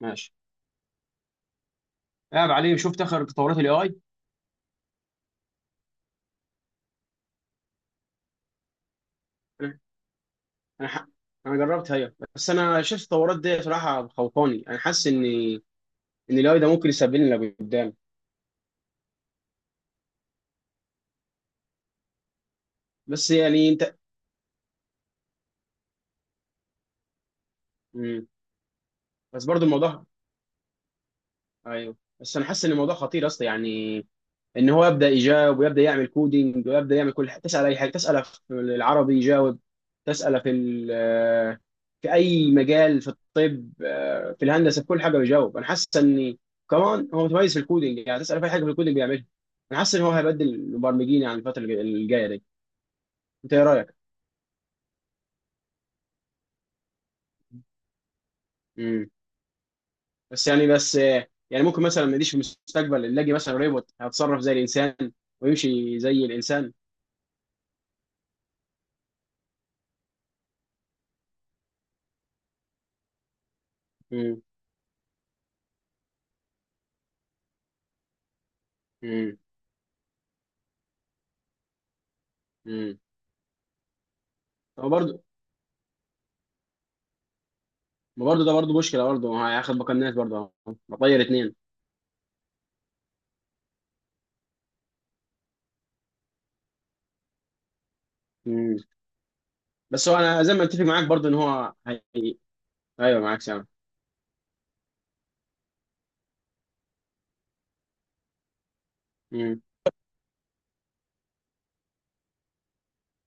ماشي، قاعد عليه. شفت اخر تطورات الاي اي؟ انا انا ح- انا جربت هي، بس انا شايف التطورات دي بصراحه خوفاني. انا حاسس ان الاي ده ممكن يسبب لنا قدام. بس يعني انت. مم. بس برضو الموضوع. ايوه، بس انا حاسس ان الموضوع خطير اصلا يعني، ان هو يبدا يجاوب ويبدا يعمل كودينج ويبدا يعمل كل حاجه. تسال اي حاجه، تساله في العربي يجاوب، تساله في ال- في اي مجال، في الطب، في الهندسه، في كل حاجه بيجاوب. انا حاسس ان كمان هو متميز في الكودينج، يعني تساله في اي حاجه في الكودينج بيعملها. انا حاسس ان هو هيبدل المبرمجين يعني الفتره الجايه دي. انت ايه رايك؟ امم. بس يعني بس آه، يعني ممكن مثلا ما يجيش في المستقبل اللي اجي مثلا روبوت هيتصرف زي الانسان ويمشي زي الانسان. امم. امم. امم. هو برضه، ما برضه ده برضه مشكله، برضه هو هياخد بقى برضه، بطير اتنين. امم. بس هو انا زي ما اتفق معاك برضه ان هو. ايوه، معاك سامع. امم.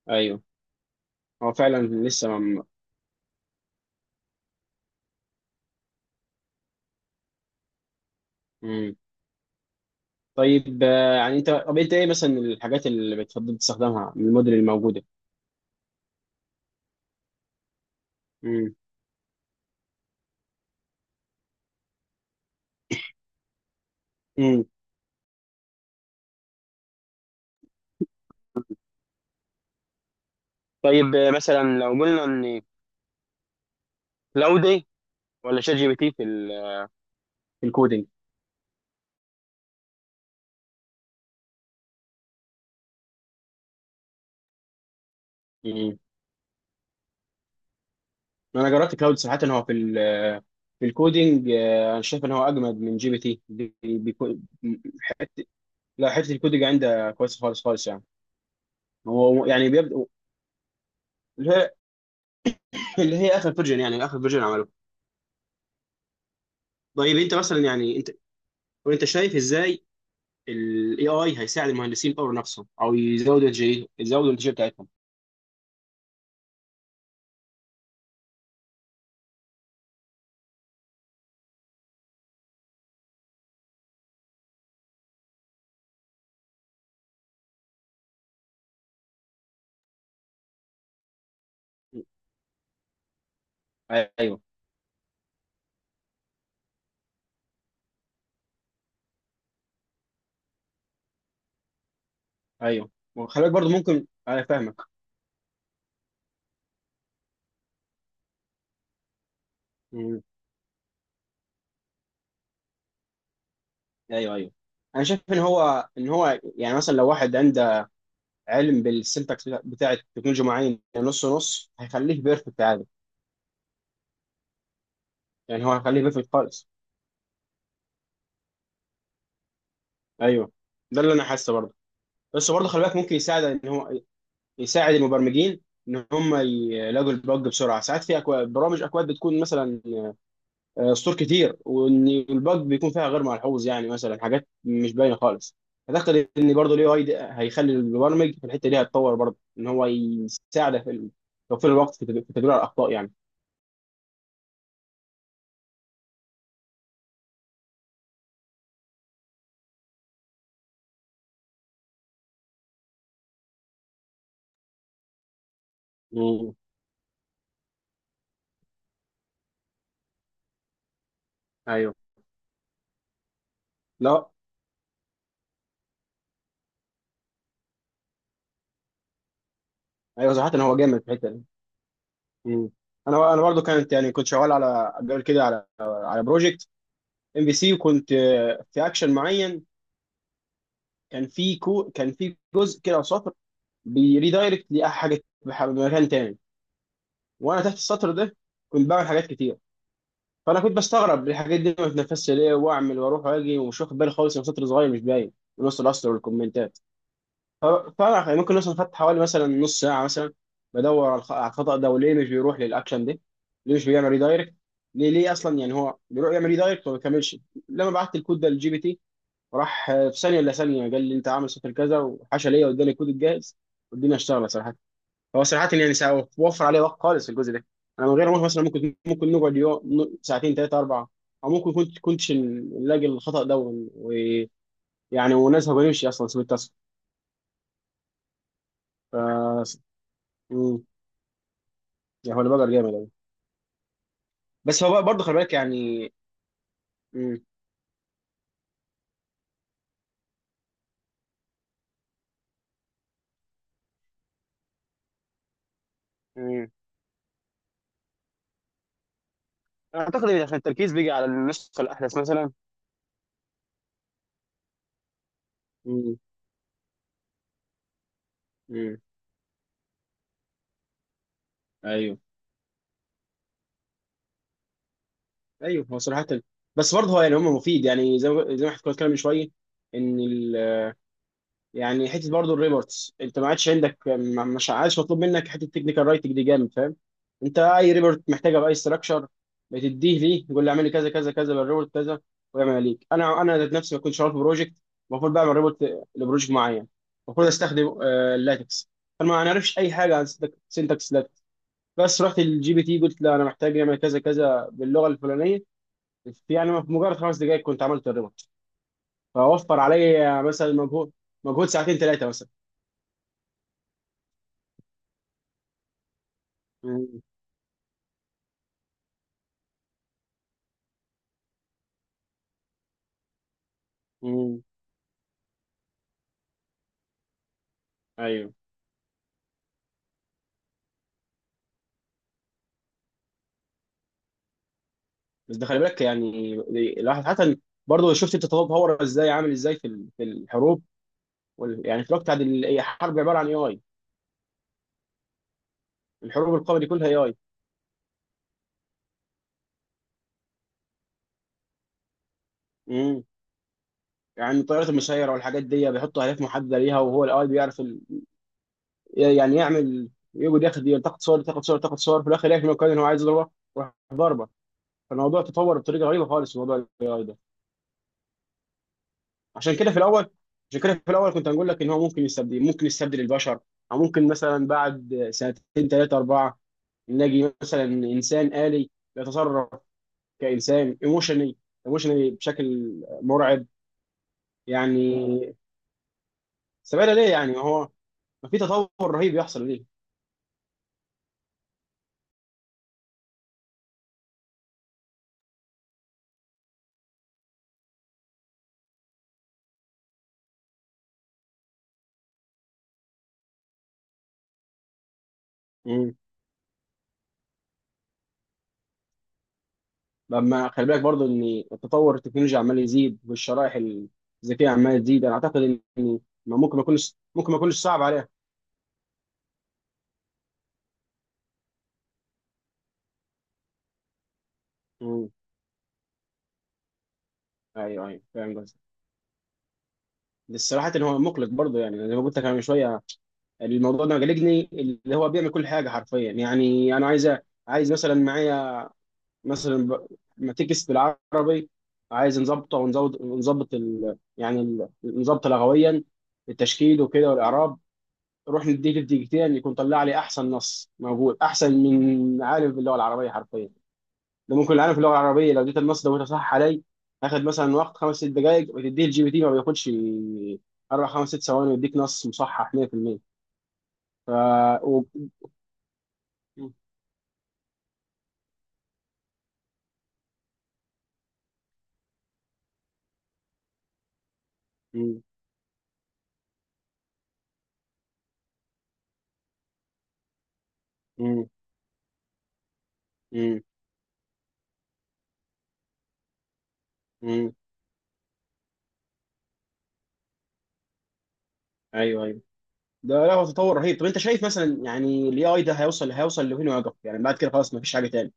ايوه، هو فعلا لسه ما. امم. طيب، يعني انت ايه مثلا الحاجات اللي بتفضل تستخدمها من الموديل الموجوده؟ امم. امم. طيب، مثلا لو قلنا ان كلاودي ولا شات جي بي تي في في الكودينج. امم. انا جربت كلاود. صراحه هو في في الكودينج، انا شايف ان هو اجمد من جي بي تي بيكون. لا، حته الكودج عندها كويسه خالص خالص يعني. هو يعني بيبدأ اللي هي، اللي هي اخر فيرجن، يعني اخر فيرجن عمله. طيب انت مثلا يعني انت شايف ازاي الاي اي هيساعد المهندسين يطوروا نفسهم او يزودوا الانتاجيه، يزودوا الانتاجيه بتاعتهم. ايوه ايوه، وخلي بالك برضه ممكن. انا فاهمك. مم. ايوه ايوه. انا شايف ان هو، ان هو يعني مثلا لو واحد عنده علم بالسنتكس بتاع التكنولوجيا معين، نص نص هيخليه بيرفكت عادي. يعني هو هيخليه بيرفكت خالص. ايوه. ده اللي انا حاسه برضه. بس برضه خلي بالك ممكن يساعد ان هو يساعد المبرمجين ان هم يلاقوا البج بسرعه. ساعات في اكواد، برامج اكواد بتكون مثلا سطور كتير، وان البج بيكون فيها غير ملحوظ، يعني مثلا حاجات مش باينه خالص. اعتقد ان برضه الاي اي هيخلي المبرمج في الحته دي هيتطور برضه، ان هو يساعده في توفير الوقت في في تدوير الاخطاء يعني. مم. ايوه. لا. ايوه، صراحه هو جامد في الحته دي. مم. انا برضه كانت يعني كنت شغال على قبل كده، على بروجكت ام بي سي، وكنت في اكشن معين. كان في كان في جزء كده او سطر بيريدايركت لحاجه بمكان تاني. وانا تحت السطر ده كنت بعمل حاجات كتير، فانا كنت بستغرب الحاجات دي ما بتنفذش ليه. واعمل واروح واجي ومش واخد بالي خالص ان سطر صغير مش باين ونص الاسطر والكومنتات. ف- فانا يعني ممكن مثلا خدت حوالي مثلا نص ساعه مثلا بدور على على الخطا ده وليه مش بيروح للاكشن ده، ليه مش بيعمل ريدايركت، ليه اصلا يعني هو بيروح يعمل ريدايركت وما بيكملش. لما بعت الكود ده للجي بي تي، راح في ثانيه الا ثانيه قال لي انت عامل صفر كذا وحشى ليا، واداني الكود الجاهز والدنيا اشتغلت صراحه. هو صراحه يعني وفر عليه وقت خالص الجزء ده. انا من غير ما أروح مثلا ممكن، نقعد يوم، ساعتين، ثلاثه، اربعه، او ممكن كنت كنتش نلاقي الخطا ده، ويعني ونذهب ونمشي اصلا سوى التاسك. ف. مم. يعني هو اللي بقى جامد أوي. بس هو بقى برضه خلي بالك يعني. مم. مم. اعتقد إن عشان التركيز بيجي على النسخه الاحدث مثلا. مم. مم. ايوه ايوه، هو صراحه. بس برضه هو يعني هم مفيد، يعني زي ما، زي ما احنا كنا بنتكلم من شويه ان يعني حته برضه الريبورتس، انت ما عادش عندك مش عادش مطلوب منك حته تكنيكال رايتنج دي، جامد فاهم. انت اي ريبورت محتاجه باي ستراكشر بتديه ليه، يقول لي اعمل لي كذا كذا كذا بالريبورت كذا ويعمل ليك. انا ذات نفسي بكون شغال في بروجكت، المفروض بعمل ريبورت لبروجكت معين، المفروض استخدم اللاتكس. فانا ما اعرفش اي حاجه عن سينتاكس لاتكس، بس رحت للجي بي تي قلت لا انا محتاج يعمل كذا كذا باللغه الفلانيه. في يعني في مجرد خمس دقائق كنت عملت الريموت. فوفر عليا مثلا مجهود، ساعتين ثلاثه مثلا. مم. مم. ايوه. بس ده خلي بالك يعني الواحد حتى برضه شفت التطور ازاي، عامل ازاي في في الحروب، يعني في الوقت بتاع هي حرب عباره عن اي اي. الحروب القوه دي كلها اي اي. امم. يعني الطيارات المسيره والحاجات دي بيحطوا اهداف محدده ليها وهو الاي بيعرف يعني يعمل، يقعد ياخد يلتقط صور يلتقط صور يلتقط صور، في الاخر يلاقي في مكان ان هو عايز يضربه يروح ضربه. فالموضوع تطور بطريقه غريبه خالص في موضوع ال AI. عشان كده في الاول عشان كده في الاول كنت هنقول لك ان هو ممكن يستبدل، يستبدل البشر، او ممكن مثلا بعد سنتين، ثلاثه، اربعه نلاقي مثلا انسان آلي يتصرف كانسان ايموشني، ايموشني بشكل مرعب. يعني سبب ليه؟ يعني هو ما في تطور رهيب يحصل ليه؟ مم. لما خلي بالك برضو ان التطور التكنولوجي عمال يزيد والشرائح الذكيه عماله تزيد، انا اعتقد ان ما ممكن، ما يكونش صعب عليها. مم. ايوه ايوه، فاهم قصدك. بس صراحة هو مقلق برضه يعني، زي ما قلت لك أنا من شوية، الموضوع ده مقلقني، اللي هو بيعمل كل حاجة حرفيا. يعني أنا عايز، مثلا معايا مثلا ما تكس بالعربي، عايز نظبطه ونزود ونظبط يعني نظبطه لغويا، التشكيل وكده والإعراب. روح نديك الدقيقتين يكون طلع لي أحسن نص موجود، أحسن من عالم باللغة العربية حرفيا. ده ممكن العالم في اللغه العربيه، لو اديت النص لو صح علي، هاخد مثلا وقت خمس ست دقائق. وتديه الجي بي تي ما بياخدش اربع خمس ست ثواني ويديك نص مصحح 100%. ف و... مم. مم. مم. مم. ايوه ايوه. ده لا هو تطور رهيب. طب انت شايف مثلا يعني الاي اي ده هيوصل، هيوصل لفين ويقف؟ يعني بعد كده خلاص ما فيش حاجه تاني؟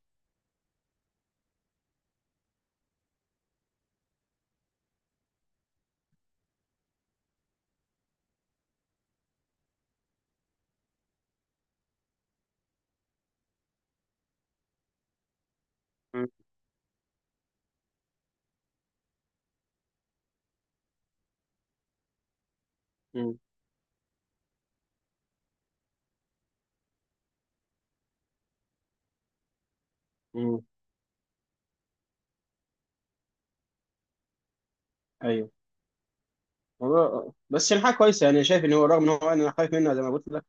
مم. مم. مم. ايوه. بس يعني حاجه كويسه، يعني شايف ان هو، رغم ان هو انا خايف منه زي ما قلت لك،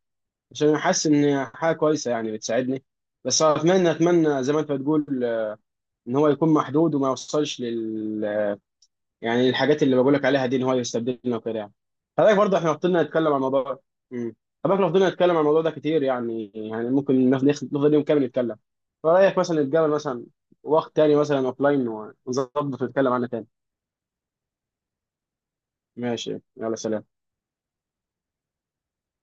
عشان انا حاسس ان حاجه كويسه يعني بتساعدني. بس اتمنى اتمنى زي ما انت بتقول ان هو يكون محدود وما يوصلش لل، يعني الحاجات اللي بقول لك عليها دي، ان هو يستبدلنا وكده يعني. فده برضه احنا فضلنا نتكلم عن الموضوع ده. امم. فبقى فضلنا نتكلم عن الموضوع ده كتير يعني، يعني ممكن ناخد، نفضل يوم كامل نتكلم. فرايك مثلا نتقابل مثلا وقت تاني مثلا اوفلاين ونظبط ونتكلم عنه تاني؟ ماشي، يلا سلام.